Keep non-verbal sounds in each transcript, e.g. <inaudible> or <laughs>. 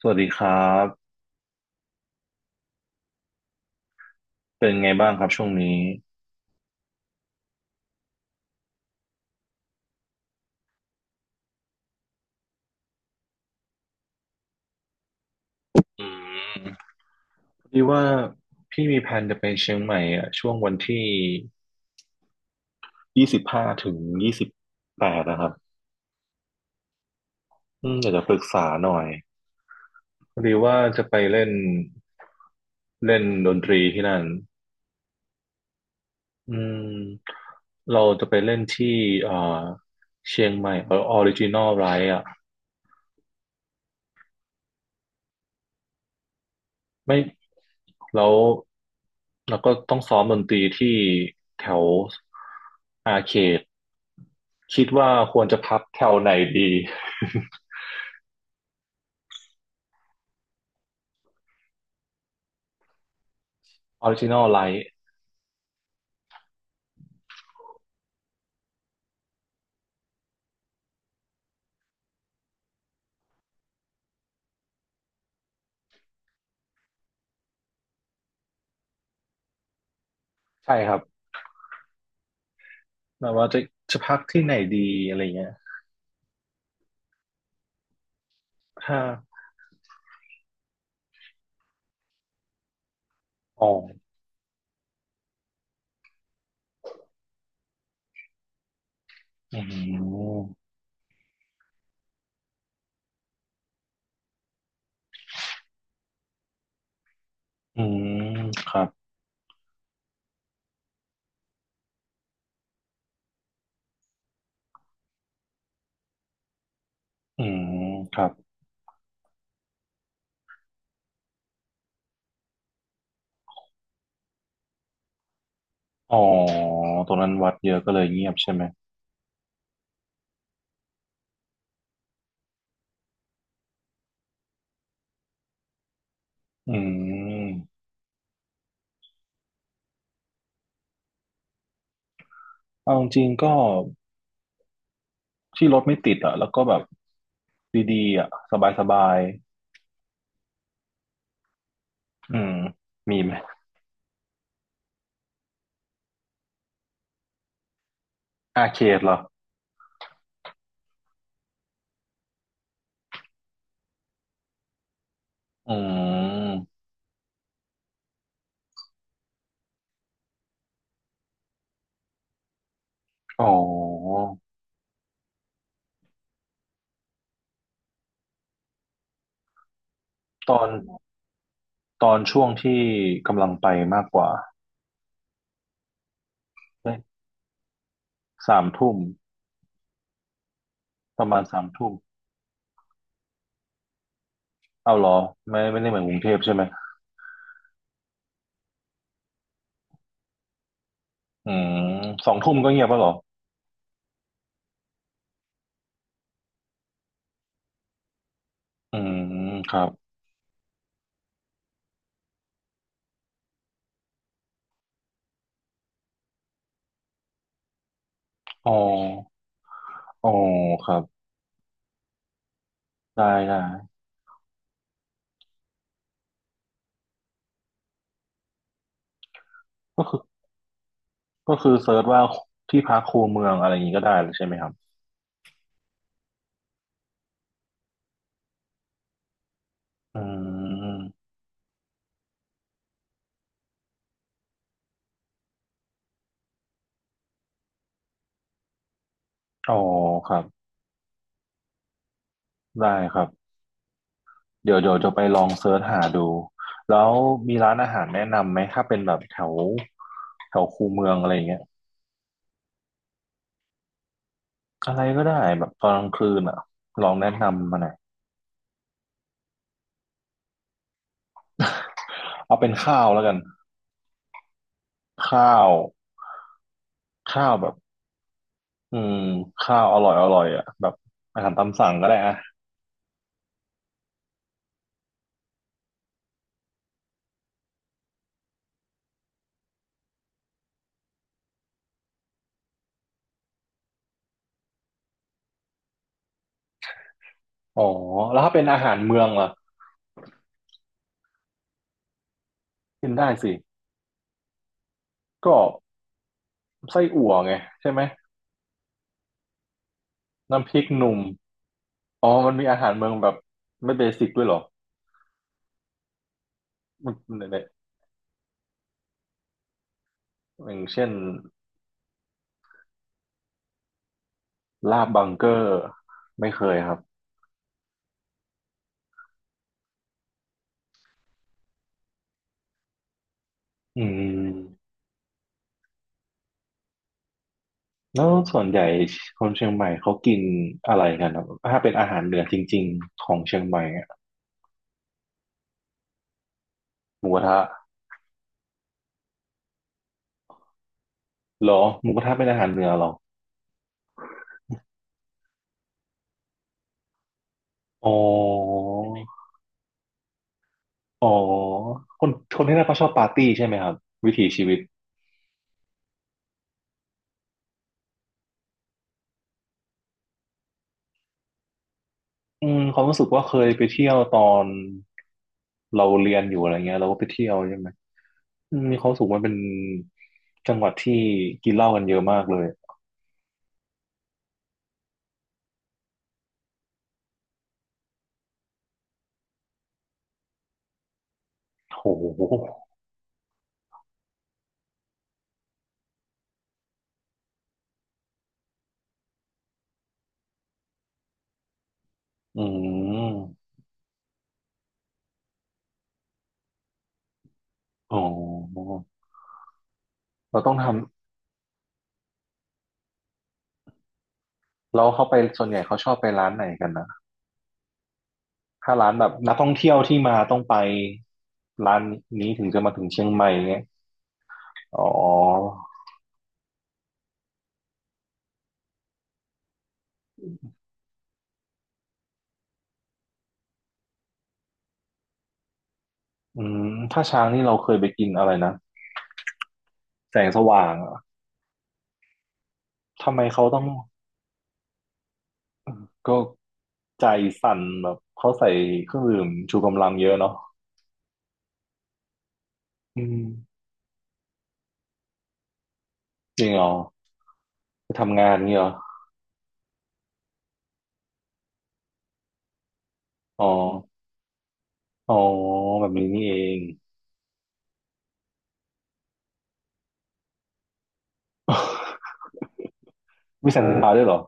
สวัสดีครับเป็นไงบ้างครับช่วงนี้อืมพอดีว่าพี่มีแผนจะไปเชียงใหม่อ่ะช่วงวันที่25ถึง28นะครับอืมอยากจะปรึกษาหน่อยพอดีว่าจะไปเล่นเล่นดนตรีที่นั่นอืมเราจะไปเล่นที่เอ่อเชียงใหม่เออออริจินอลไรอ่ะไม่แล้วเราก็ต้องซ้อมดนตรีที่แถวอาร์เขต คิดว่าควรจะพักแถวไหนดีออริจินอลไลท์ใช่ครับแบบว่าจะพักที่ไหนดีอะไรเงี้ยถ้าอ๋ออืมอืมครับอืมครับอ๋อตรงนั้นวัดเยอะก็เลยเงียบใช่ไหม อืมเอาจริงๆก็ที่รถไม่ติดอ่ะแล้วก็แบบดีๆอ่ะสบายๆอืมมีไหมอาเคดเหรออืมอ๋อตอนตอนช่วงที่กำลังไปมากกว่า สามทุ่มประมาณสามทุ่มเอาเหรอไม่ได้เหมือนกรุงเทพใช่ไหมอืมสองทุ่มก็เงียบแล้วเหรออืมครับอ๋ออ๋อครับได้ได้ก็คือก็คือเซิร์ชว่าที่พักคูเมืองอะไรอย่างนี้ก็ได้เลยใช่ไหมครับอืมอ๋อครับได้ครับเดี๋ยวจะไปลองเซิร์ชหาดูแล้วมีร้านอาหารแนะนำไหมถ้าเป็นแบบแถวแถวคูเมืองอะไรอย่างเงี้ยอะไรก็ได้แบบตอนกลางคืนอ่ะลองแนะนำมาหน่อยเอาเป็นข้าวแล้วกัน ข้าวข้าวแบบอืมข้าวอร่อยอร่อยอ่ะแบบอาหารตามสั่งก็ได้อ่ะอ๋อแล้วถ้าเป็นอาหารเมืองล่ะกินได้สิก็ไส้อั่วไงใช่ไหมน้ำพริกหนุ่มอ๋อมันมีอาหารเมืองแบบไม่เบสิกด้วยเหรอมันเนี่ยอย่างเช่นลาบบังเกอร์ไม่เคยครับอืมแล้วส่วนใหญ่คนเชียงใหม่เขากินอะไรกันครับถ้าเป็นอาหารเหนือจริงๆของเชียงใหม่อะหมูกระทะเหรอหมูกระทะเป็นอาหารเหนือเหรอ อ๋ออ๋อคนคนที่นั่นเขาชอบปาร์ตี้ใช่ไหมครับวิถีชีวิตอืมความรู้สึกว่าเคยไปเที่ยวตอนเราเรียนอยู่อะไรเงี้ยเราก็ไปเที่ยวใช่ไหมอืมมีความรู้สึกว่ามันเป็นจังหวัดที่กินเหล้ากันเยอะมากเลยโหอืมอ๋อเราต้องทำแล้วเขาไปส่วนใหญ่เขาชอบไปร้านไหนกันนะถ้าร้านแบบนักท่องเที่ยวที่มาต้องไปร้านนี้ถึงจะมาถึงเชียงใหม่เงี้ยอ๋อ อืมถ้าช้างนี่เราเคยไปกินอะไรนะแสงสว่างอะทำไมเขาต้องก็ใจสั่นแบบเขาใส่เครื่องดื่มชูกำลังเยอะเนาะอืมจริงเหรอไปทำงานนี่เหรออ๋ออ๋อแบบนี้นี่เอง <laughs> มีแสงสุดท้ายด้วยเหรอ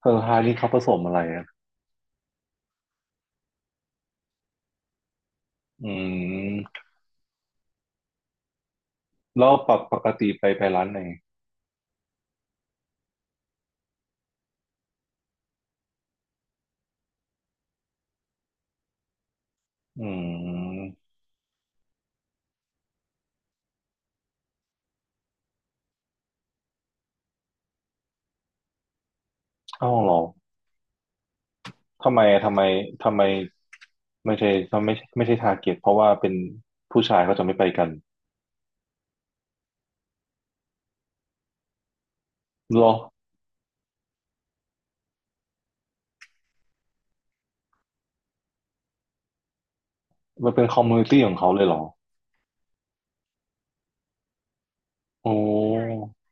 แสงสุดท้ายนี่เขาผสมอะไรอะอืมแล้วปกติไปร้านไหนอืมเอ้าเหรอทำไมทำไมทำไมไม่ใช่ไม่ใช่ไม่ใช่ทาร์เก็ตเพราะว่าเป็นผู้ชายเขาจะไม่ไปกัน เหรอมันเป็นคอมมูนิตี้ของเขาเลยเหรอโอ้ใช่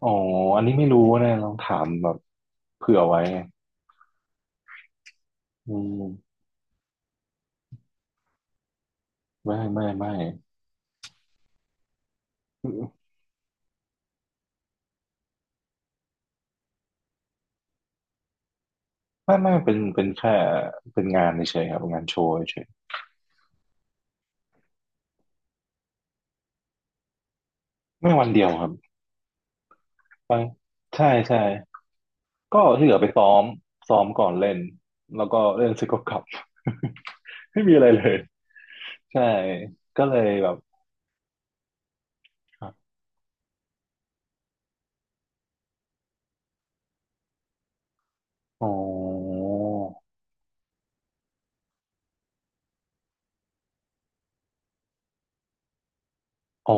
อ๋ออันนี้ไม่รู้นะลองถามแบบเผื่อไว้ไงอืมไม่ไม่ไม่ไม่ไม่เป็นเป็นแค่เป็นงานเฉยๆครับงานโชว์เฉยๆไม่วันเดียวครับไปใช่ใช่ก็ที่เหลือไปซ้อมก่อนเล่นแล้วก็เล่นเสร็จก็กลับ <laughs> ไม่มีอะไรเลยใช่ก็เลยแบบอ๋ออ๋อ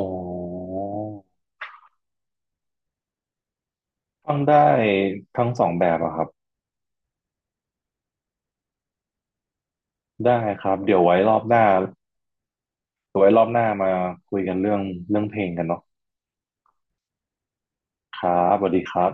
ฟังได้ทั้งสองแบบอะครับ ได้ครับเดี๋ยวไว้รอบหน้าเดี๋ยวไว้รอบหน้ามาคุยกันเรื่องเพลงกันเนาะครับสวัสดีครับ